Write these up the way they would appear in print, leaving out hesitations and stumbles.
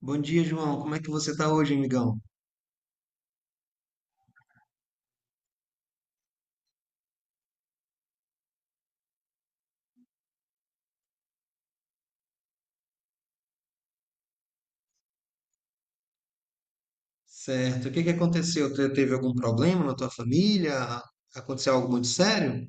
Bom dia, João. Como é que você está hoje, amigão? Certo. O que que aconteceu? Teve algum problema na tua família? Aconteceu algo muito sério?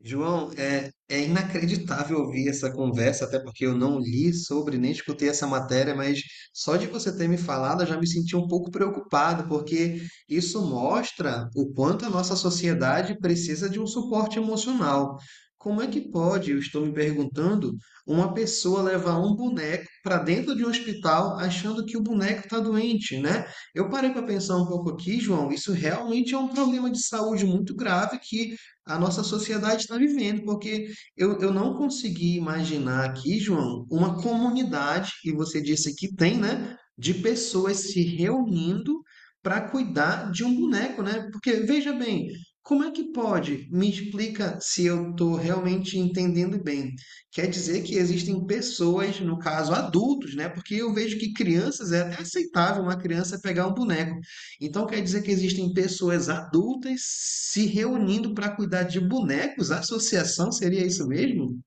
João, é inacreditável ouvir essa conversa, até porque eu não li sobre nem escutei essa matéria, mas só de você ter me falado, eu já me senti um pouco preocupado, porque isso mostra o quanto a nossa sociedade precisa de um suporte emocional. Como é que pode, eu estou me perguntando, uma pessoa levar um boneco para dentro de um hospital achando que o boneco está doente, né? Eu parei para pensar um pouco aqui, João, isso realmente é um problema de saúde muito grave que a nossa sociedade está vivendo, porque eu não consegui imaginar aqui, João, uma comunidade, e você disse que tem, né, de pessoas se reunindo para cuidar de um boneco, né? Porque veja bem, como é que pode? Me explica se eu estou realmente entendendo bem. Quer dizer que existem pessoas, no caso adultos, né? Porque eu vejo que crianças é até aceitável uma criança pegar um boneco. Então quer dizer que existem pessoas adultas se reunindo para cuidar de bonecos? A associação seria isso mesmo?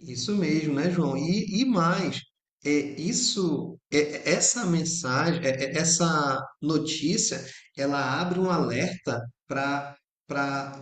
Isso mesmo, né, João? E mais, é, isso, essa mensagem, essa notícia, ela abre um alerta para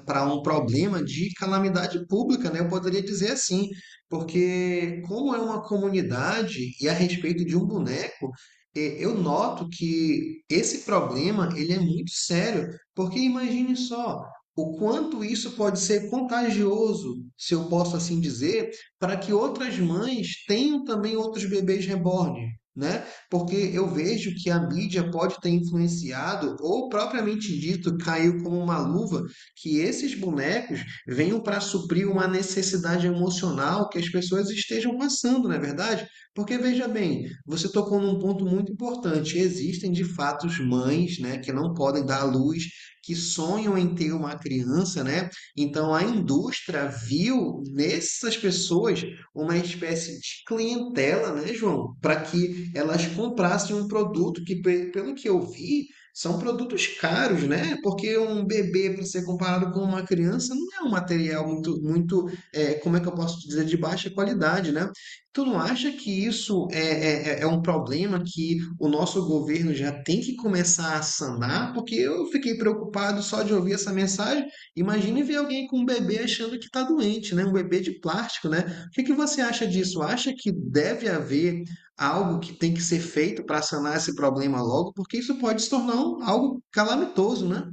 para um problema de calamidade pública, né? Eu poderia dizer assim, porque como é uma comunidade e a respeito de um boneco, eu noto que esse problema ele é muito sério, porque imagine só o quanto isso pode ser contagioso, se eu posso assim dizer para que outras mães tenham também outros bebês reborn. Né? Porque eu vejo que a mídia pode ter influenciado, ou propriamente dito, caiu como uma luva, que esses bonecos venham para suprir uma necessidade emocional que as pessoas estejam passando, não é verdade? Porque veja bem, você tocou num ponto muito importante. Existem de fato mães, né, que não podem dar à luz, que sonham em ter uma criança, né? Então a indústria viu nessas pessoas uma espécie de clientela, né, João? Para que elas comprassem um produto que, pelo que eu vi, são produtos caros, né? Porque um bebê, para ser comparado com uma criança, não é um material muito, como é que eu posso dizer, de baixa qualidade, né? Tu não acha que isso é um problema que o nosso governo já tem que começar a sanar? Porque eu fiquei preocupado só de ouvir essa mensagem. Imagine ver alguém com um bebê achando que está doente, né? Um bebê de plástico, né? O que que você acha disso? Acha que deve haver algo que tem que ser feito para sanar esse problema logo? Porque isso pode se tornar algo calamitoso, né?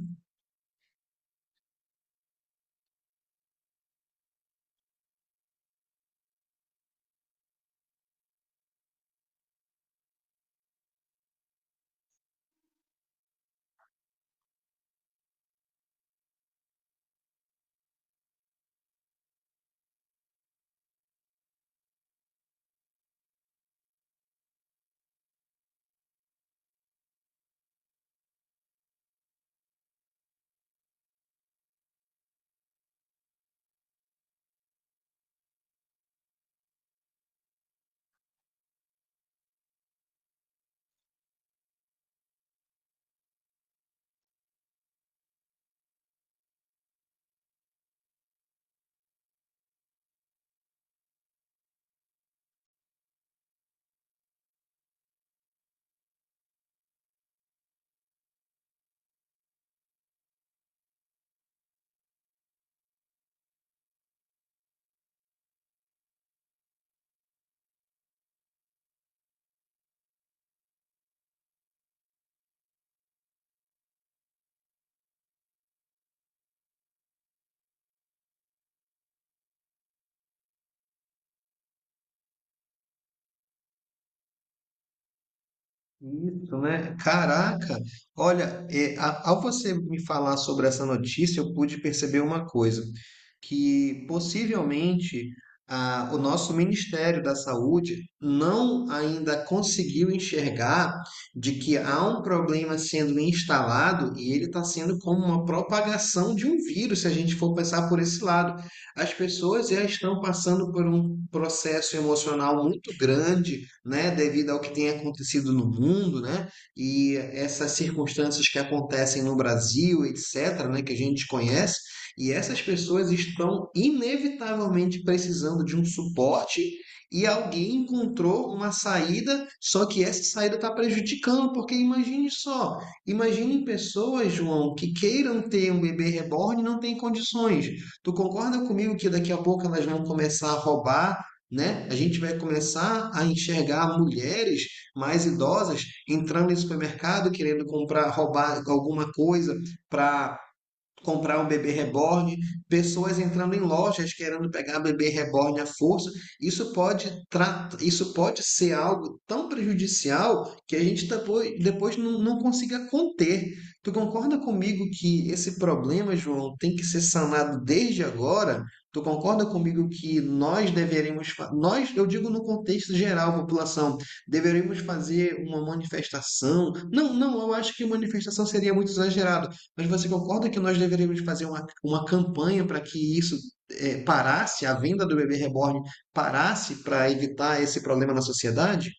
Isso, né? Caraca! Olha, ao você me falar sobre essa notícia, eu pude perceber uma coisa, que possivelmente o nosso Ministério da Saúde não ainda conseguiu enxergar de que há um problema sendo instalado e ele está sendo como uma propagação de um vírus, se a gente for pensar por esse lado, as pessoas já estão passando por um processo emocional muito grande, né, devido ao que tem acontecido no mundo, né, e essas circunstâncias que acontecem no Brasil, etc., né, que a gente conhece, e essas pessoas estão inevitavelmente precisando de um suporte e alguém encontrou uma saída, só que essa saída está prejudicando, porque imagine só, imaginem pessoas, João, que queiram ter um bebê reborn e não têm condições. Tu concorda comigo que daqui a pouco elas vão começar a roubar, né? A gente vai começar a enxergar mulheres mais idosas entrando em supermercado querendo comprar, roubar alguma coisa para comprar um bebê reborn, pessoas entrando em lojas querendo pegar bebê reborn à força. Isso pode, isso pode ser algo tão prejudicial que a gente depois não, não consiga conter. Tu concorda comigo que esse problema, João, tem que ser sanado desde agora? Tu concorda comigo que nós nós, eu digo no contexto geral, população, deveríamos fazer uma manifestação? Não, não, eu acho que manifestação seria muito exagerado, mas você concorda que nós deveríamos fazer uma campanha para que isso parasse, a venda do bebê reborn parasse para evitar esse problema na sociedade?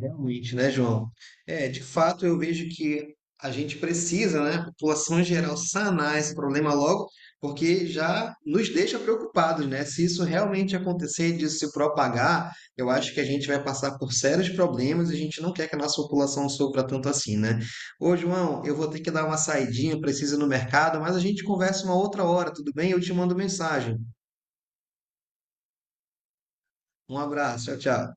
Realmente, né, João? É, de fato, eu vejo que a gente precisa, né, a população em geral, sanar esse problema logo, porque já nos deixa preocupados, né? Se isso realmente acontecer, de se propagar, eu acho que a gente vai passar por sérios problemas e a gente não quer que a nossa população sofra tanto assim, né? Ô, João, eu vou ter que dar uma saidinha, preciso ir no mercado, mas a gente conversa uma outra hora, tudo bem? Eu te mando mensagem. Um abraço, tchau, tchau.